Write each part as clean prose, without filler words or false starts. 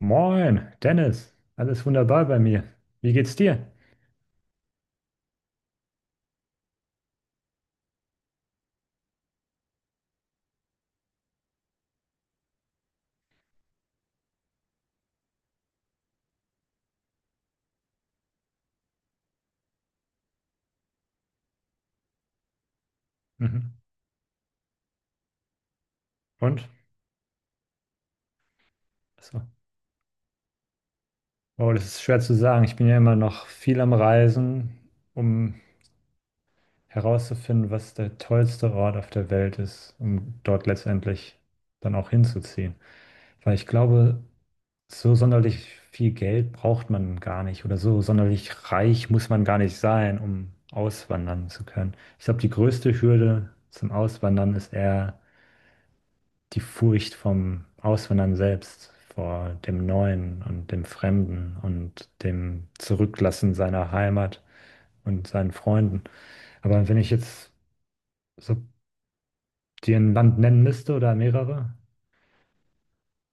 Moin, Dennis. Alles wunderbar bei mir. Wie geht's dir? Mhm. Und? Achso. Oh, das ist schwer zu sagen. Ich bin ja immer noch viel am Reisen, um herauszufinden, was der tollste Ort auf der Welt ist, um dort letztendlich dann auch hinzuziehen. Weil ich glaube, so sonderlich viel Geld braucht man gar nicht oder so sonderlich reich muss man gar nicht sein, um auswandern zu können. Ich glaube, die größte Hürde zum Auswandern ist eher die Furcht vom Auswandern selbst, vor dem Neuen und dem Fremden und dem Zurücklassen seiner Heimat und seinen Freunden. Aber wenn ich jetzt so dir ein Land nennen müsste oder mehrere,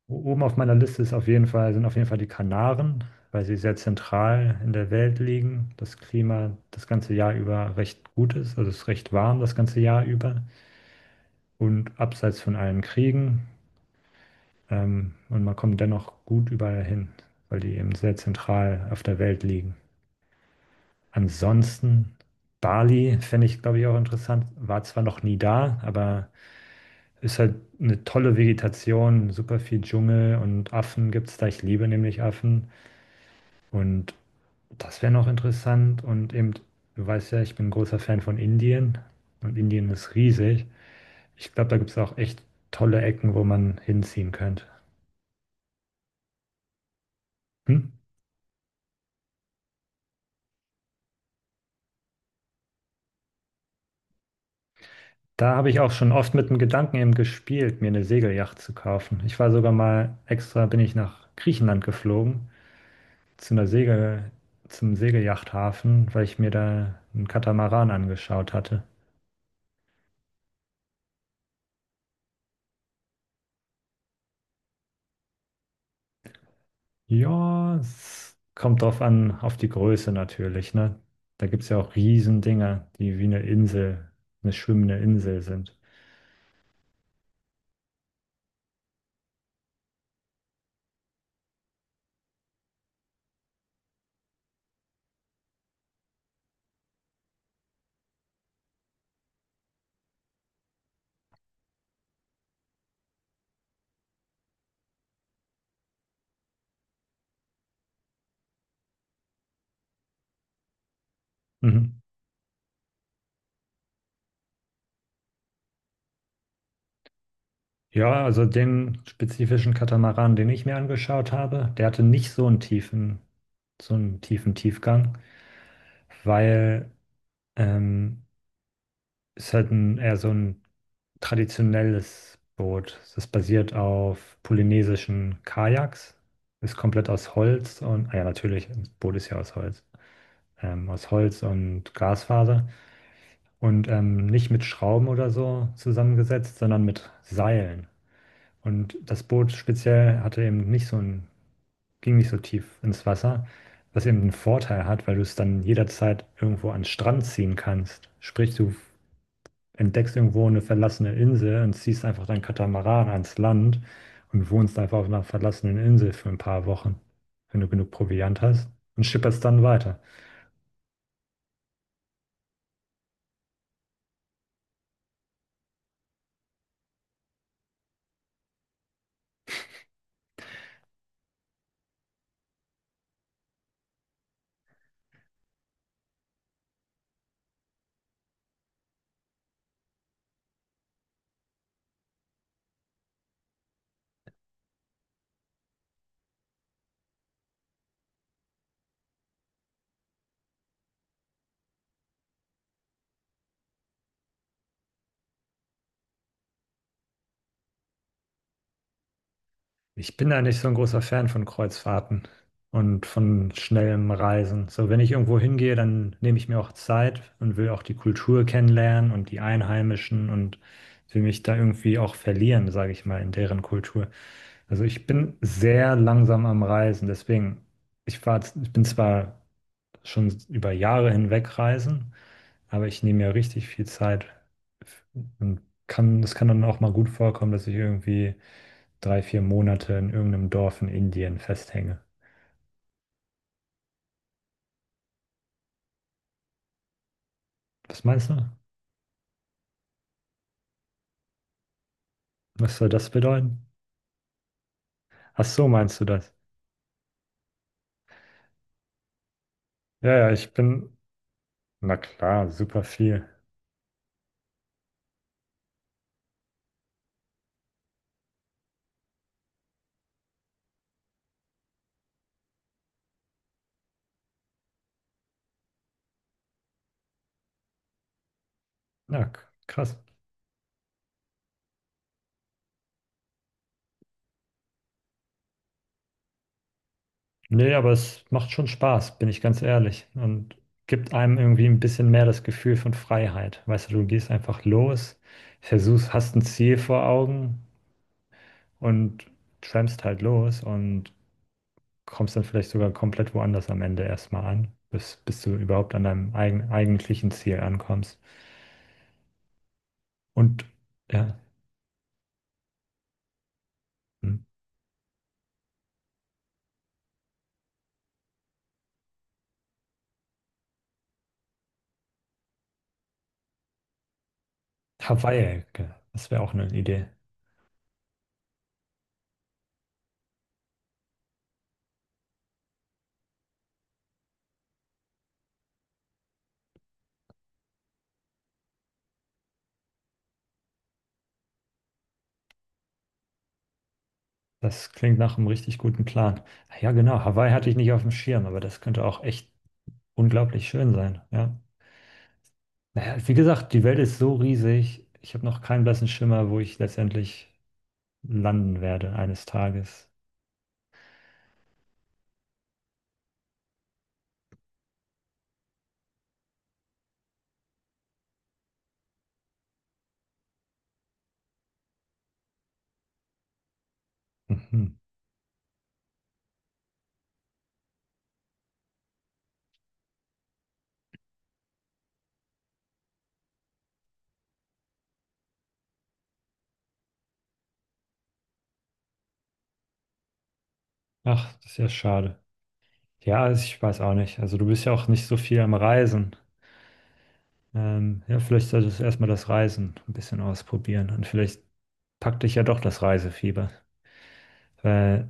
oben auf meiner Liste ist auf jeden Fall, sind auf jeden Fall die Kanaren, weil sie sehr zentral in der Welt liegen, das Klima das ganze Jahr über recht gut ist, also es ist recht warm das ganze Jahr über und abseits von allen Kriegen. Und man kommt dennoch gut überall hin, weil die eben sehr zentral auf der Welt liegen. Ansonsten, Bali fände ich, glaube ich, auch interessant. War zwar noch nie da, aber ist halt eine tolle Vegetation, super viel Dschungel und Affen gibt es da. Ich liebe nämlich Affen. Und das wäre noch interessant. Und eben, du weißt ja, ich bin ein großer Fan von Indien. Und Indien ist riesig. Ich glaube, da gibt es auch echt tolle Ecken, wo man hinziehen könnte. Hm? Da habe ich auch schon oft mit dem Gedanken eben gespielt, mir eine Segelyacht zu kaufen. Ich war sogar mal extra, bin ich nach Griechenland geflogen, zu einer Segel, zum Segelyachthafen, weil ich mir da einen Katamaran angeschaut hatte. Ja, es kommt drauf an, auf die Größe natürlich, ne? Da gibt es ja auch Riesendinger, die wie eine Insel, eine schwimmende Insel sind. Mhm. Ja, also den spezifischen Katamaran, den ich mir angeschaut habe, der hatte nicht so einen tiefen, so einen tiefen Tiefgang, weil ähm, es halt eher so ein traditionelles Boot. Es basiert auf polynesischen Kajaks, ist komplett aus Holz und, ah ja, natürlich, das Boot ist ja aus Holz und Glasfaser und nicht mit Schrauben oder so zusammengesetzt, sondern mit Seilen. Und das Boot speziell hatte eben nicht so ein, ging nicht so tief ins Wasser, was eben einen Vorteil hat, weil du es dann jederzeit irgendwo an den Strand ziehen kannst. Sprich, du entdeckst irgendwo eine verlassene Insel und ziehst einfach dein Katamaran ans Land und wohnst einfach auf einer verlassenen Insel für ein paar Wochen, wenn du genug Proviant hast und schipperst dann weiter. Ich bin da nicht so ein großer Fan von Kreuzfahrten und von schnellem Reisen. So, wenn ich irgendwo hingehe, dann nehme ich mir auch Zeit und will auch die Kultur kennenlernen und die Einheimischen und will mich da irgendwie auch verlieren, sage ich mal, in deren Kultur. Also ich bin sehr langsam am Reisen, deswegen, ich bin zwar schon über Jahre hinweg reisen, aber ich nehme mir richtig viel Zeit und es kann dann auch mal gut vorkommen, dass ich irgendwie drei, vier Monate in irgendeinem Dorf in Indien festhänge. Was meinst du? Was soll das bedeuten? Ach so, meinst du das? Ja, ja, na klar, super viel. Na, krass. Nee, aber es macht schon Spaß, bin ich ganz ehrlich. Und gibt einem irgendwie ein bisschen mehr das Gefühl von Freiheit. Weißt du, du gehst einfach los, versuchst, hast ein Ziel vor Augen und trampst halt los und kommst dann vielleicht sogar komplett woanders am Ende erstmal an, bis du überhaupt an deinem eigentlichen Ziel ankommst. Und ja, hm, Hawaii, das wäre auch eine Idee. Das klingt nach einem richtig guten Plan. Ja, genau, Hawaii hatte ich nicht auf dem Schirm, aber das könnte auch echt unglaublich schön sein. Ja. Naja, wie gesagt, die Welt ist so riesig. Ich habe noch keinen blassen Schimmer, wo ich letztendlich landen werde eines Tages. Mhm. Ach, das ist ja schade. Ja, also ich weiß auch nicht. Also du bist ja auch nicht so viel am Reisen. Ja, vielleicht solltest du erstmal das Reisen ein bisschen ausprobieren und vielleicht packt dich ja doch das Reisefieber. Weil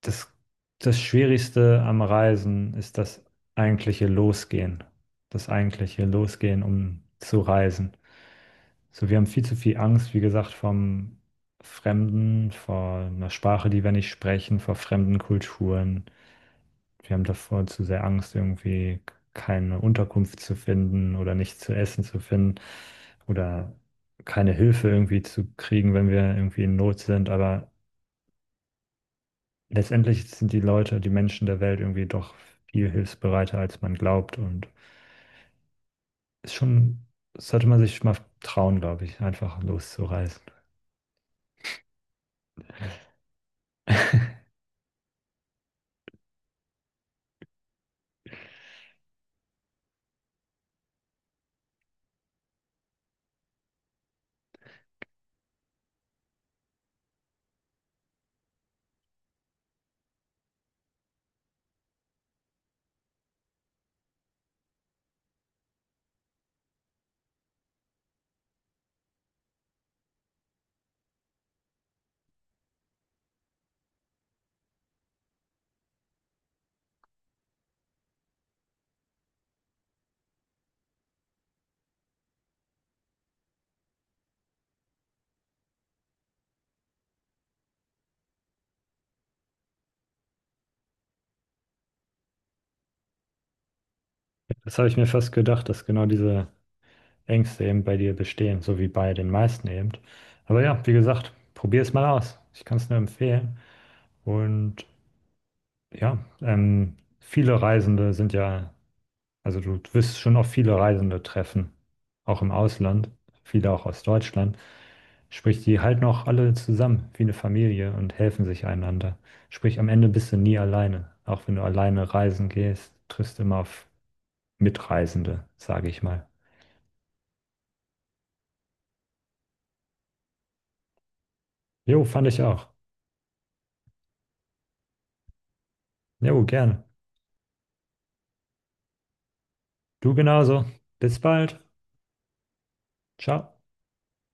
das, das Schwierigste am Reisen ist das eigentliche Losgehen. Das eigentliche Losgehen, um zu reisen. So, wir haben viel zu viel Angst, wie gesagt, vom Fremden, vor einer Sprache, die wir nicht sprechen, vor fremden Kulturen. Wir haben davor zu sehr Angst, irgendwie keine Unterkunft zu finden oder nichts zu essen zu finden oder keine Hilfe irgendwie zu kriegen, wenn wir irgendwie in Not sind. Aber letztendlich sind die Leute, die Menschen der Welt irgendwie doch viel hilfsbereiter, als man glaubt. Und ist schon, sollte man sich mal trauen, glaube ich, einfach loszureisen. Das habe ich mir fast gedacht, dass genau diese Ängste eben bei dir bestehen, so wie bei den meisten eben. Aber ja, wie gesagt, probier es mal aus. Ich kann es nur empfehlen. Und ja, viele Reisende sind ja, also du wirst schon auf viele Reisende treffen, auch im Ausland, viele auch aus Deutschland. Sprich, die halten auch alle zusammen wie eine Familie und helfen sich einander. Sprich, am Ende bist du nie alleine. Auch wenn du alleine reisen gehst, triffst du immer auf Mitreisende, sage ich mal. Jo, fand ich auch. Jo, gerne. Du genauso. Bis bald. Ciao.